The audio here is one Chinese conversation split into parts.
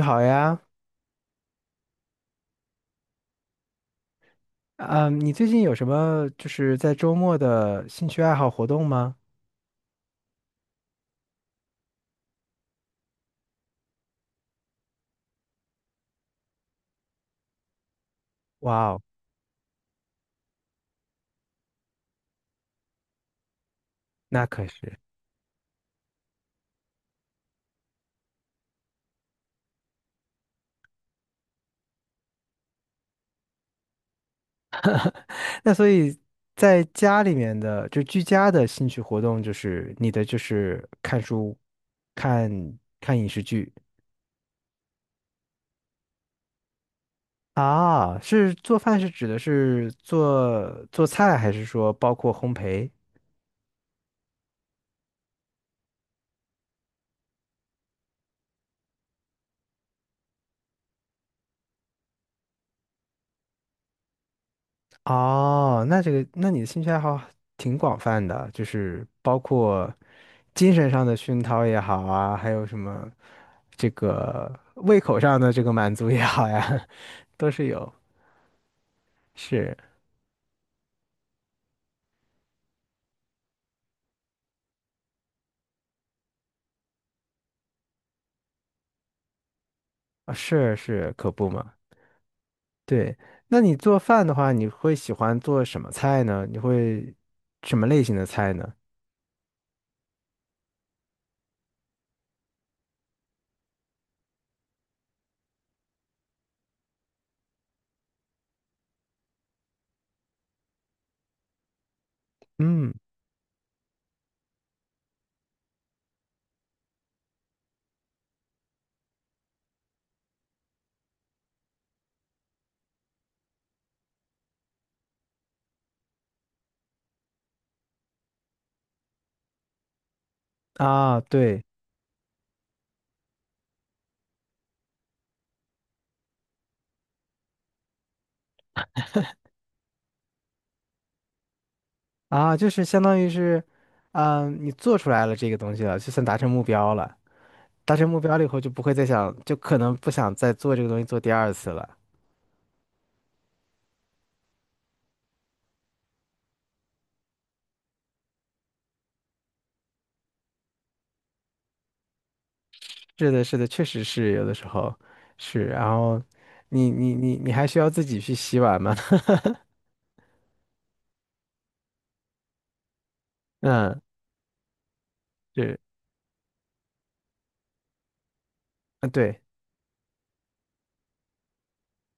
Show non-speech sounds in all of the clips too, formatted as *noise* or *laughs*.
你好呀，嗯，你最近有什么在周末的兴趣爱好活动吗？哇哦，那可是。*laughs* 那所以在家里面的居家的兴趣活动，你的看书、看看影视剧。啊，是做饭是指的是做菜，还是说包括烘焙？哦，那这个，那你的兴趣爱好挺广泛的，就是包括精神上的熏陶也好啊，还有什么这个胃口上的这个满足也好呀，*laughs* 都是有。是啊，是是，可不嘛。对，那你做饭的话，你会喜欢做什么菜呢？你会什么类型的菜呢？嗯，啊，对啊，就是相当于是，你做出来了这个东西了，就算达成目标了。达成目标了以后，就不会再想，就可能不想再做这个东西做第二次了。是的，是的，确实是有的时候是。然后你还需要自己去洗碗吗？*laughs* 嗯，是，啊，对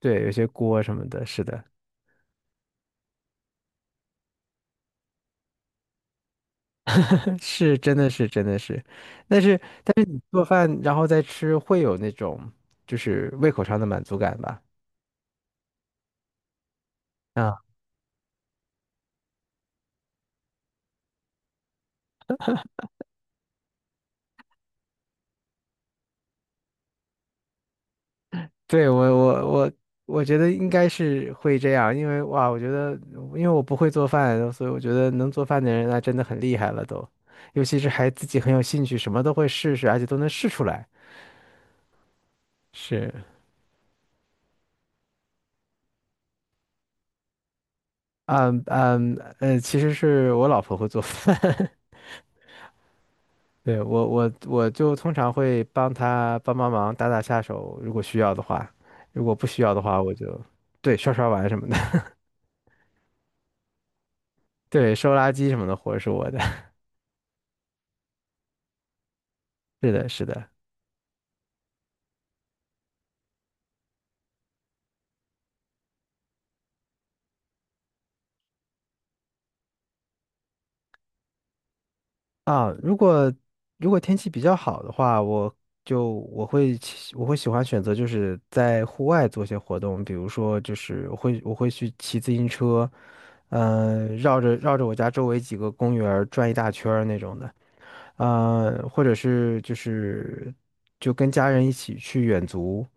对，有些锅什么的，是的。*laughs* 是真的是真的是，但是但是你做饭然后再吃，会有那种胃口上的满足感吧？啊。对，我我觉得应该是会这样，因为哇，我觉得因为我不会做饭，所以我觉得能做饭的人那真的很厉害了都，尤其是还自己很有兴趣，什么都会试试，而且都能试出来。是，其实是我老婆会做饭。*laughs* 对，我就通常会帮她帮忙打下手，如果需要的话，如果不需要的话，我就对刷碗什么的。*laughs* 对收垃圾什么的活儿是我的，*laughs* 是的，是的。啊，如果天气比较好的话，我会喜欢选择在户外做些活动，比如说我会去骑自行车，绕着我家周围几个公园儿转一大圈儿那种的，或者是就跟家人一起去远足，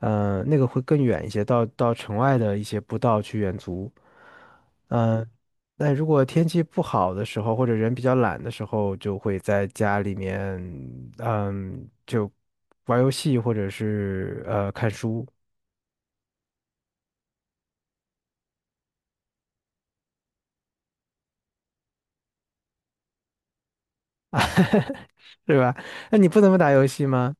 那个会更远一些，到城外的一些步道去远足。嗯，那如果天气不好的时候，或者人比较懒的时候，就会在家里面，嗯，就玩游戏或者是看书，是吧？那你不怎么打游戏吗？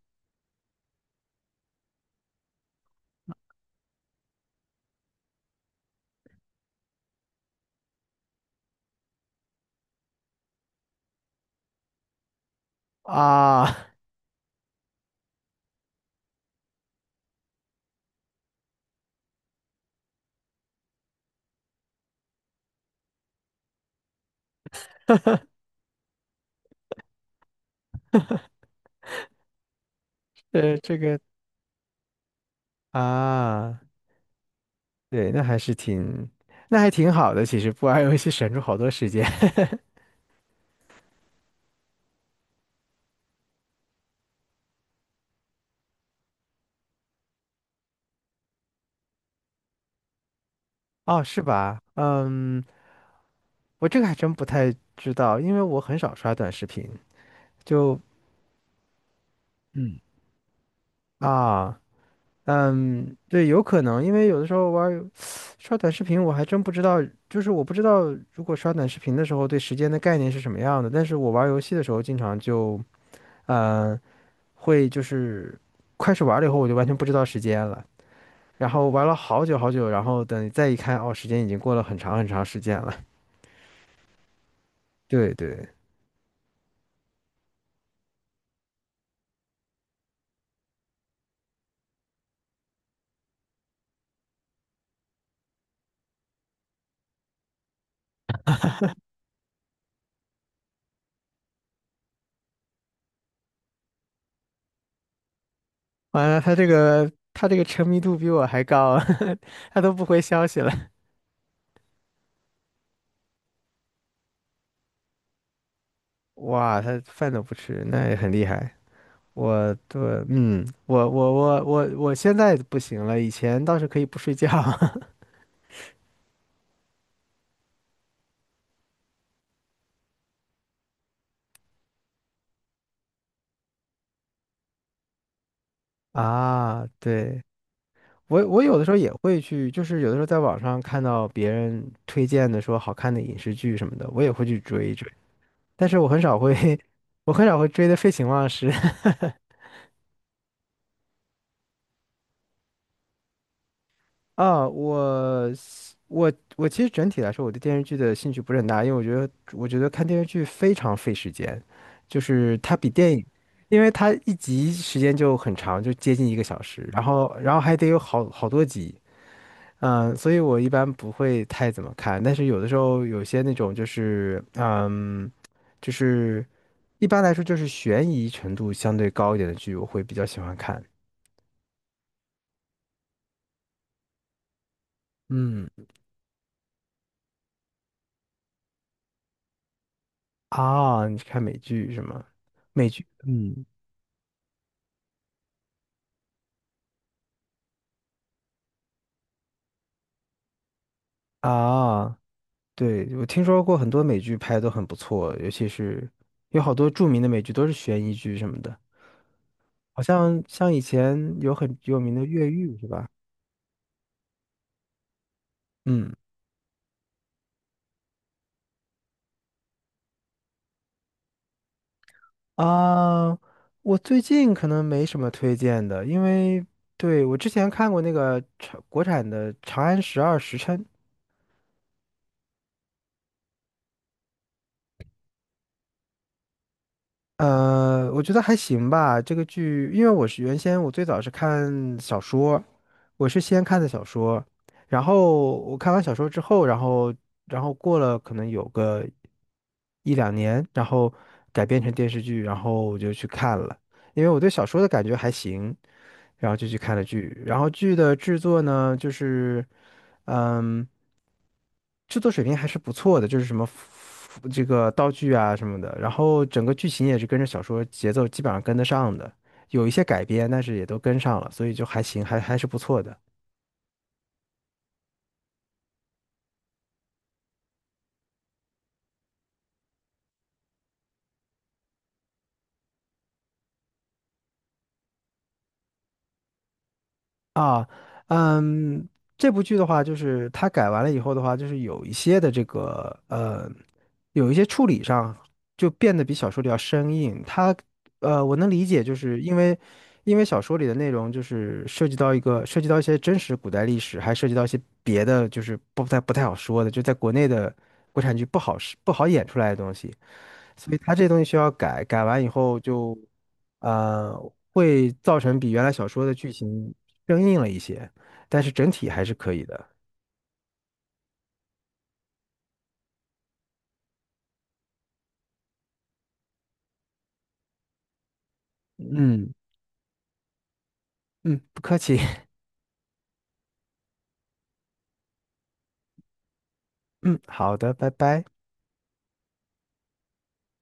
啊，*laughs* 呃，这个啊，对，那还是挺，那还挺好的。其实不玩游戏省出好多时间。*laughs* 哦，是吧？嗯，我这个还真不太知道，因为我很少刷短视频，就嗯，啊。嗯，对，有可能，因为有的时候刷短视频，我还真不知道，就是我不知道如果刷短视频的时候对时间的概念是什么样的。但是我玩儿游戏的时候，经常就，嗯，会就是开始玩了以后，我就完全不知道时间了。然后玩了好久好久，然后等再一看，哦，时间已经过了很长很长时间了。*laughs* 对对，完了，他这个沉迷度比我还高，*laughs* 他都不回消息了。哇，他饭都不吃，那也很厉害。我对，嗯，我我现在不行了，以前倒是可以不睡觉。 *laughs* 啊。对，我有的时候也会去，就是有的时候在网上看到别人推荐的说好看的影视剧什么的，我也会去追一追，但是我很少会，*laughs* 我很少会追的废寝忘食。*laughs* 啊，我是我我其实整体来说，我对电视剧的兴趣不是很大，因为我觉得看电视剧非常费时间，就是它比电影，因为它一集时间就很长，就接近一个小时，然后还得有好多集，嗯，所以我一般不会太怎么看，但是有的时候有些那种就是嗯，就是一般来说就是悬疑程度相对高一点的剧，我会比较喜欢看，嗯。啊，你是看美剧是吗？美剧嗯，啊，对，我听说过很多美剧拍的都很不错，尤其是有好多著名的美剧都是悬疑剧什么的，好像像以前有很有名的《越狱》是吧？嗯啊，我最近可能没什么推荐的，因为对我之前看过那个长国产的《长安十二时辰》，呃，我觉得还行吧。这个剧，因为我最早是看小说，我是先看的小说，然后我看完小说之后，然后过了可能有个一两年，然后改编成电视剧，然后我就去看了。因为我对小说的感觉还行，然后就去看了剧。然后剧的制作呢，就是嗯，制作水平还是不错的，就是什么这个道具啊什么的，然后整个剧情也是跟着小说节奏基本上跟得上的，有一些改编，但是也都跟上了，所以就还行，还是不错的啊。嗯，这部剧的话，就是它改完了以后的话，就是有一些的这个有一些处理上就变得比小说里要生硬，它我能理解，就是因为，因为小说里的内容涉及到涉及到一些真实古代历史，还涉及到一些别的，就是不太好说的，就在国内的国产剧不好演出来的东西，所以它这东西需要改，改完以后就，呃，会造成比原来小说的剧情生硬了一些，但是整体还是可以的。嗯嗯，不客气。*laughs* 嗯，好的，拜拜。